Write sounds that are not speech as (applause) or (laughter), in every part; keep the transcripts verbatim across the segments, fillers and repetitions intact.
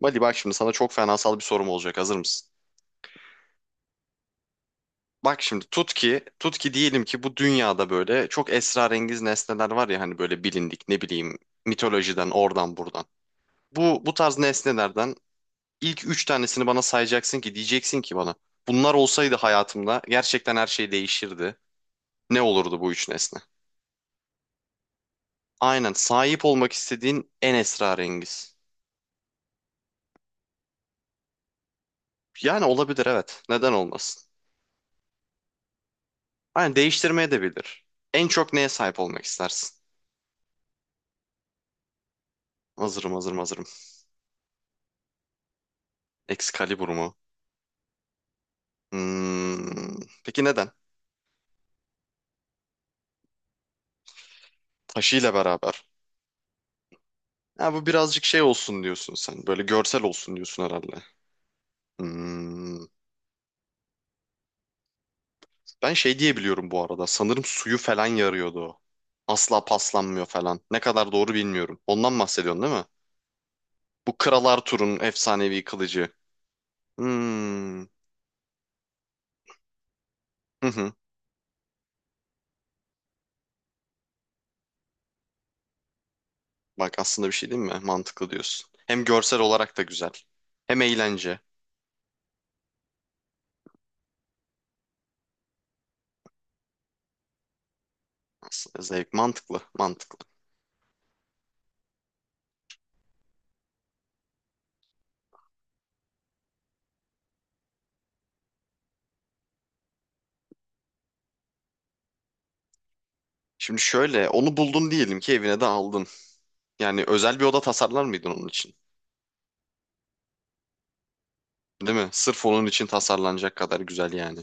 Mali bak şimdi sana çok fenasal bir sorum olacak. Hazır mısın? Bak şimdi tut ki, tut ki diyelim ki bu dünyada böyle çok esrarengiz nesneler var ya hani böyle bilindik ne bileyim mitolojiden oradan buradan. Bu bu tarz nesnelerden ilk üç tanesini bana sayacaksın ki diyeceksin ki bana bunlar olsaydı hayatımda gerçekten her şey değişirdi. Ne olurdu bu üç nesne? Aynen, sahip olmak istediğin en esrarengiz. Yani olabilir, evet. Neden olmasın? Aynen, değiştirmeye de bilir. En çok neye sahip olmak istersin? Hazırım hazırım hazırım. Excalibur mu? Hmm. Peki neden? Taşıyla beraber. Ha, bu birazcık şey olsun diyorsun sen. Böyle görsel olsun diyorsun herhalde. Hmm. Ben şey diyebiliyorum bu arada. Sanırım suyu falan yarıyordu o. Asla paslanmıyor falan. Ne kadar doğru bilmiyorum. Ondan bahsediyorsun değil mi? Bu Kral Arthur'un efsanevi kılıcı. Hmm. Hı hı. Bak aslında bir şey değil mi? Mantıklı diyorsun. Hem görsel olarak da güzel. Hem eğlence. Aslında zevk, mantıklı, mantıklı. Şimdi şöyle onu buldun diyelim ki evine de aldın. Yani özel bir oda tasarlar mıydın onun için? Değil mi? Sırf onun için tasarlanacak kadar güzel yani.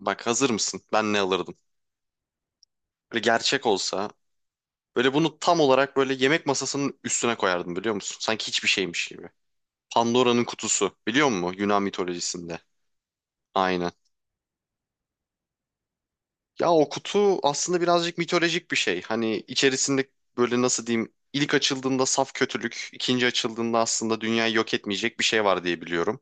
Bak hazır mısın? Ben ne alırdım? Böyle gerçek olsa böyle bunu tam olarak böyle yemek masasının üstüne koyardım biliyor musun? Sanki hiçbir şeymiş gibi. Pandora'nın kutusu, biliyor musun? Yunan mitolojisinde. Aynen. Ya o kutu aslında birazcık mitolojik bir şey. Hani içerisinde böyle nasıl diyeyim, ilk açıldığında saf kötülük, ikinci açıldığında aslında dünyayı yok etmeyecek bir şey var diye biliyorum.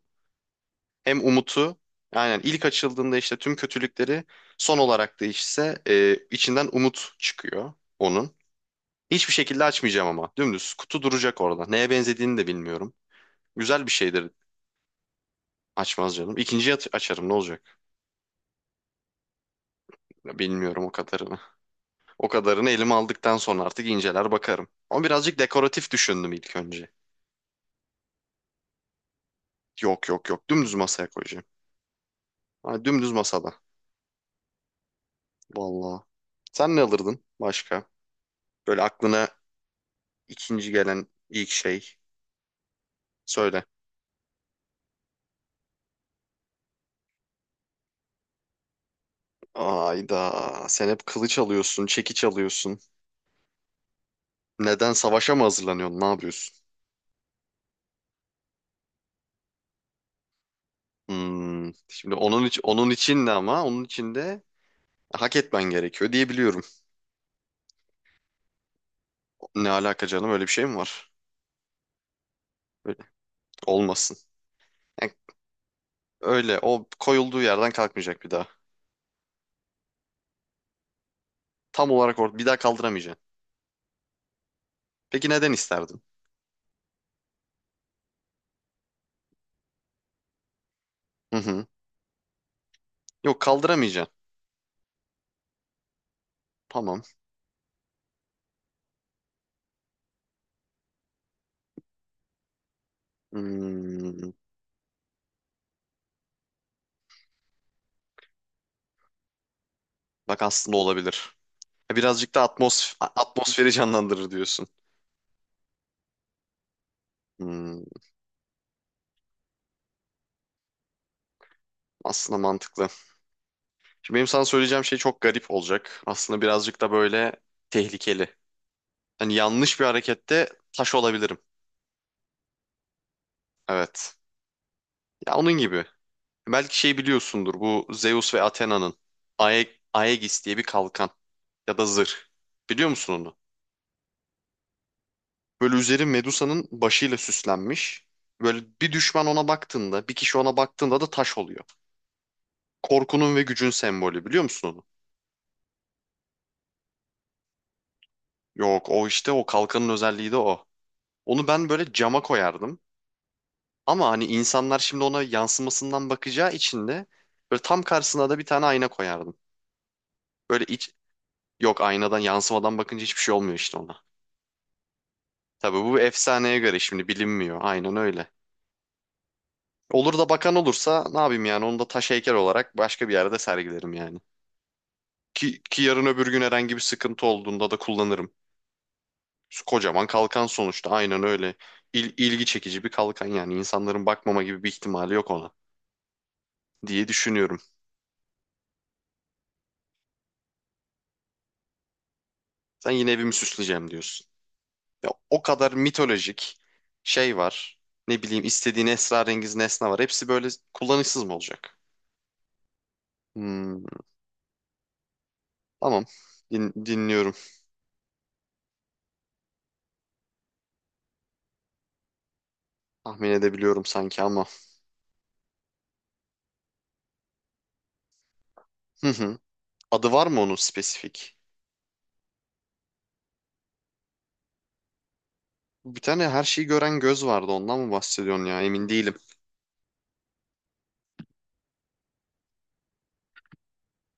Hem umutu, aynen, ilk açıldığında işte tüm kötülükleri, son olarak değişse e, içinden umut çıkıyor onun. Hiçbir şekilde açmayacağım ama dümdüz kutu duracak orada. Neye benzediğini de bilmiyorum. Güzel bir şeydir, açmaz canım. İkinciyi aç- açarım ne olacak? Ya bilmiyorum o kadarını. (laughs) O kadarını elime aldıktan sonra artık inceler bakarım. Ama birazcık dekoratif düşündüm ilk önce. Yok yok yok dümdüz masaya koyacağım. Ha, dümdüz masada. Vallahi. Sen ne alırdın başka? Böyle aklına ikinci gelen ilk şey. Söyle. Ayda. Sen hep kılıç alıyorsun, çekiç alıyorsun. Neden, savaşa mı hazırlanıyorsun? Ne yapıyorsun? Hmm. Şimdi onun için, onun için de ama onun için de hak etmen gerekiyor diye biliyorum. Ne alaka canım, öyle bir şey mi var? Öyle. Olmasın. Yani öyle o koyulduğu yerden kalkmayacak bir daha. Tam olarak or bir daha kaldıramayacaksın. Peki neden isterdin? Hı hı. Yok, kaldıramayacaksın. Tamam. Hmm. Bak aslında olabilir. E, Birazcık da atmos atmosferi canlandırır diyorsun. Hmm. Aslında mantıklı. Şimdi benim sana söyleyeceğim şey çok garip olacak. Aslında birazcık da böyle tehlikeli. Hani yanlış bir harekette taş olabilirim. Evet. Ya onun gibi. Belki şey biliyorsundur, bu Zeus ve Athena'nın Ae Aegis diye bir kalkan ya da zırh. Biliyor musun onu? Böyle üzeri Medusa'nın başıyla süslenmiş. Böyle bir düşman ona baktığında, bir kişi ona baktığında da taş oluyor. Korkunun ve gücün sembolü, biliyor musun onu? Yok, o işte o kalkanın özelliği de o. Onu ben böyle cama koyardım. Ama hani insanlar şimdi ona yansımasından bakacağı için de böyle tam karşısına da bir tane ayna koyardım. Böyle iç yok, aynadan yansımadan bakınca hiçbir şey olmuyor işte ona. Tabii bu efsaneye göre şimdi bilinmiyor. Aynen öyle. Olur da bakan olursa ne yapayım, yani onu da taş heykel olarak başka bir yerde sergilerim yani. Ki, ki yarın öbür gün herhangi bir sıkıntı olduğunda da kullanırım. Kocaman kalkan sonuçta, aynen öyle. İl, ilgi çekici bir kalkan, yani insanların bakmama gibi bir ihtimali yok ona diye düşünüyorum. Sen yine evimi süsleyeceğim diyorsun. Ya o kadar mitolojik şey var. Ne bileyim, istediğin esrarengiz nesne var. Hepsi böyle kullanışsız mı olacak? Hmm, tamam. Din- dinliyorum. Tahmin edebiliyorum sanki ama. Hı hı. Adı var mı onun spesifik? Bir tane her şeyi gören göz vardı. Ondan mı bahsediyorsun ya? Emin değilim.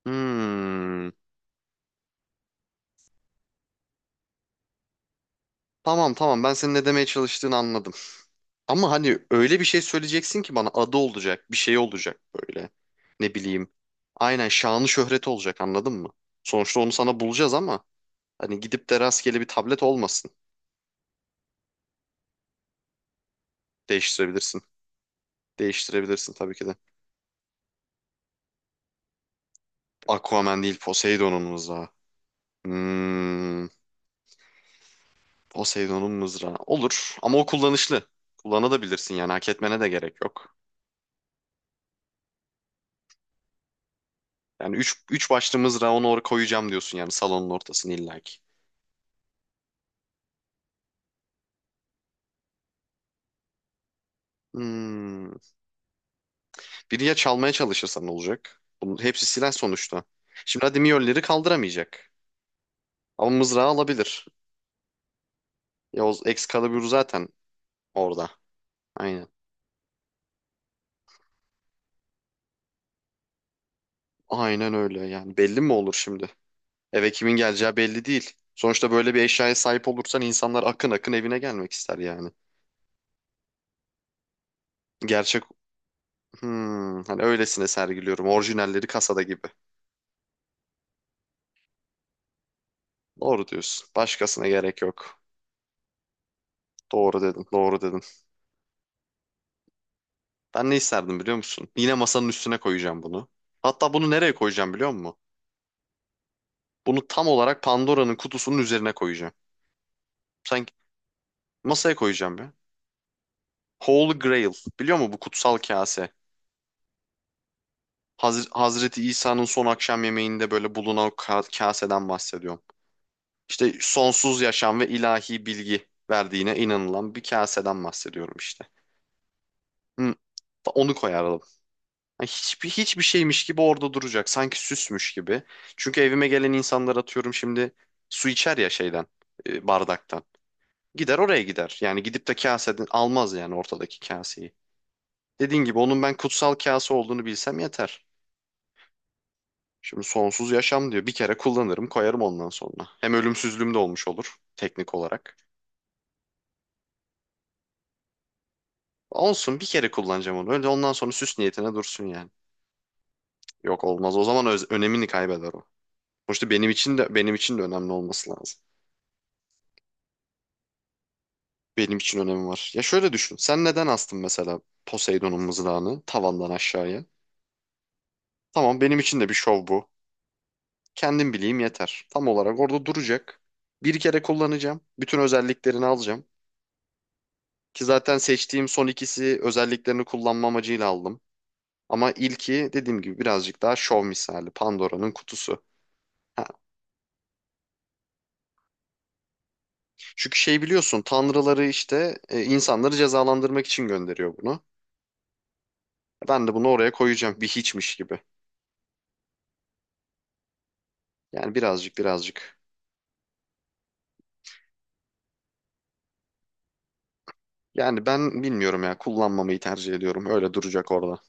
Hmm. Tamam tamam ben senin ne demeye çalıştığını anladım. Ama hani öyle bir şey söyleyeceksin ki bana, adı olacak, bir şey olacak böyle. Ne bileyim. Aynen, şanı şöhreti olacak, anladın mı? Sonuçta onu sana bulacağız ama hani gidip de rastgele bir tablet olmasın. Değiştirebilirsin. Değiştirebilirsin tabii ki de. Aquaman değil, Poseidon'un mızrağı. Hmm. Poseidon'un mızrağı. Olur, ama o kullanışlı. Kullanabilirsin yani, hak etmene de gerek yok. Yani üç, üç başlı mızrağı, onu oraya koyacağım diyorsun yani, salonun ortasını illaki. Hmm. Biri ya çalmaya çalışırsan ne olacak? Bunun hepsi silah sonuçta. Şimdi hadi Mjolnir'i kaldıramayacak. Ama mızrağı alabilir. Ya o Excalibur zaten orada. Aynen. Aynen öyle, yani belli mi olur şimdi? Eve kimin geleceği belli değil. Sonuçta böyle bir eşyaya sahip olursan insanlar akın akın evine gelmek ister yani. Gerçek, hmm, hani öylesine sergiliyorum. Orijinalleri kasada gibi. Doğru diyorsun. Başkasına gerek yok. Doğru dedin, doğru dedin. Ben ne isterdim, biliyor musun? Yine masanın üstüne koyacağım bunu. Hatta bunu nereye koyacağım, biliyor musun? Bunu tam olarak Pandora'nın kutusunun üzerine koyacağım. Sanki masaya koyacağım ya. Holy Grail. Biliyor musun, bu kutsal kase? Hazre- Hazreti İsa'nın son akşam yemeğinde böyle bulunan o ka- kaseden bahsediyorum. İşte sonsuz yaşam ve ilahi bilgi verdiğine inanılan bir kaseden bahsediyorum işte. Hı, onu koyardım. Yani hiçbir hiçbir şeymiş gibi orada duracak. Sanki süsmüş gibi. Çünkü evime gelen insanlar, atıyorum şimdi, su içer ya şeyden, e, bardaktan. Gider oraya gider. Yani gidip de kaseden almaz yani, ortadaki kaseyi. Dediğin gibi, onun ben kutsal kase olduğunu bilsem yeter. Şimdi sonsuz yaşam diyor. Bir kere kullanırım, koyarım ondan sonra. Hem ölümsüzlüğüm de olmuş olur teknik olarak. Olsun, bir kere kullanacağım onu. Öyle ondan sonra süs niyetine dursun yani. Yok, olmaz. O zaman öz- önemini kaybeder o. Sonuçta benim için de benim için de önemli olması lazım. Benim için önemi var. Ya şöyle düşün. Sen neden astın mesela Poseidon'un mızrağını tavandan aşağıya? Tamam, benim için de bir şov bu. Kendim bileyim yeter. Tam olarak orada duracak. Bir kere kullanacağım. Bütün özelliklerini alacağım. Ki zaten seçtiğim son ikisi özelliklerini kullanma amacıyla aldım. Ama ilki dediğim gibi birazcık daha şov misali. Pandora'nın kutusu. Ha. Çünkü şey biliyorsun, tanrıları işte e, insanları cezalandırmak için gönderiyor bunu. Ben de bunu oraya koyacağım bir hiçmiş gibi. Yani birazcık birazcık. Yani ben bilmiyorum ya, kullanmamayı tercih ediyorum. Öyle duracak orada.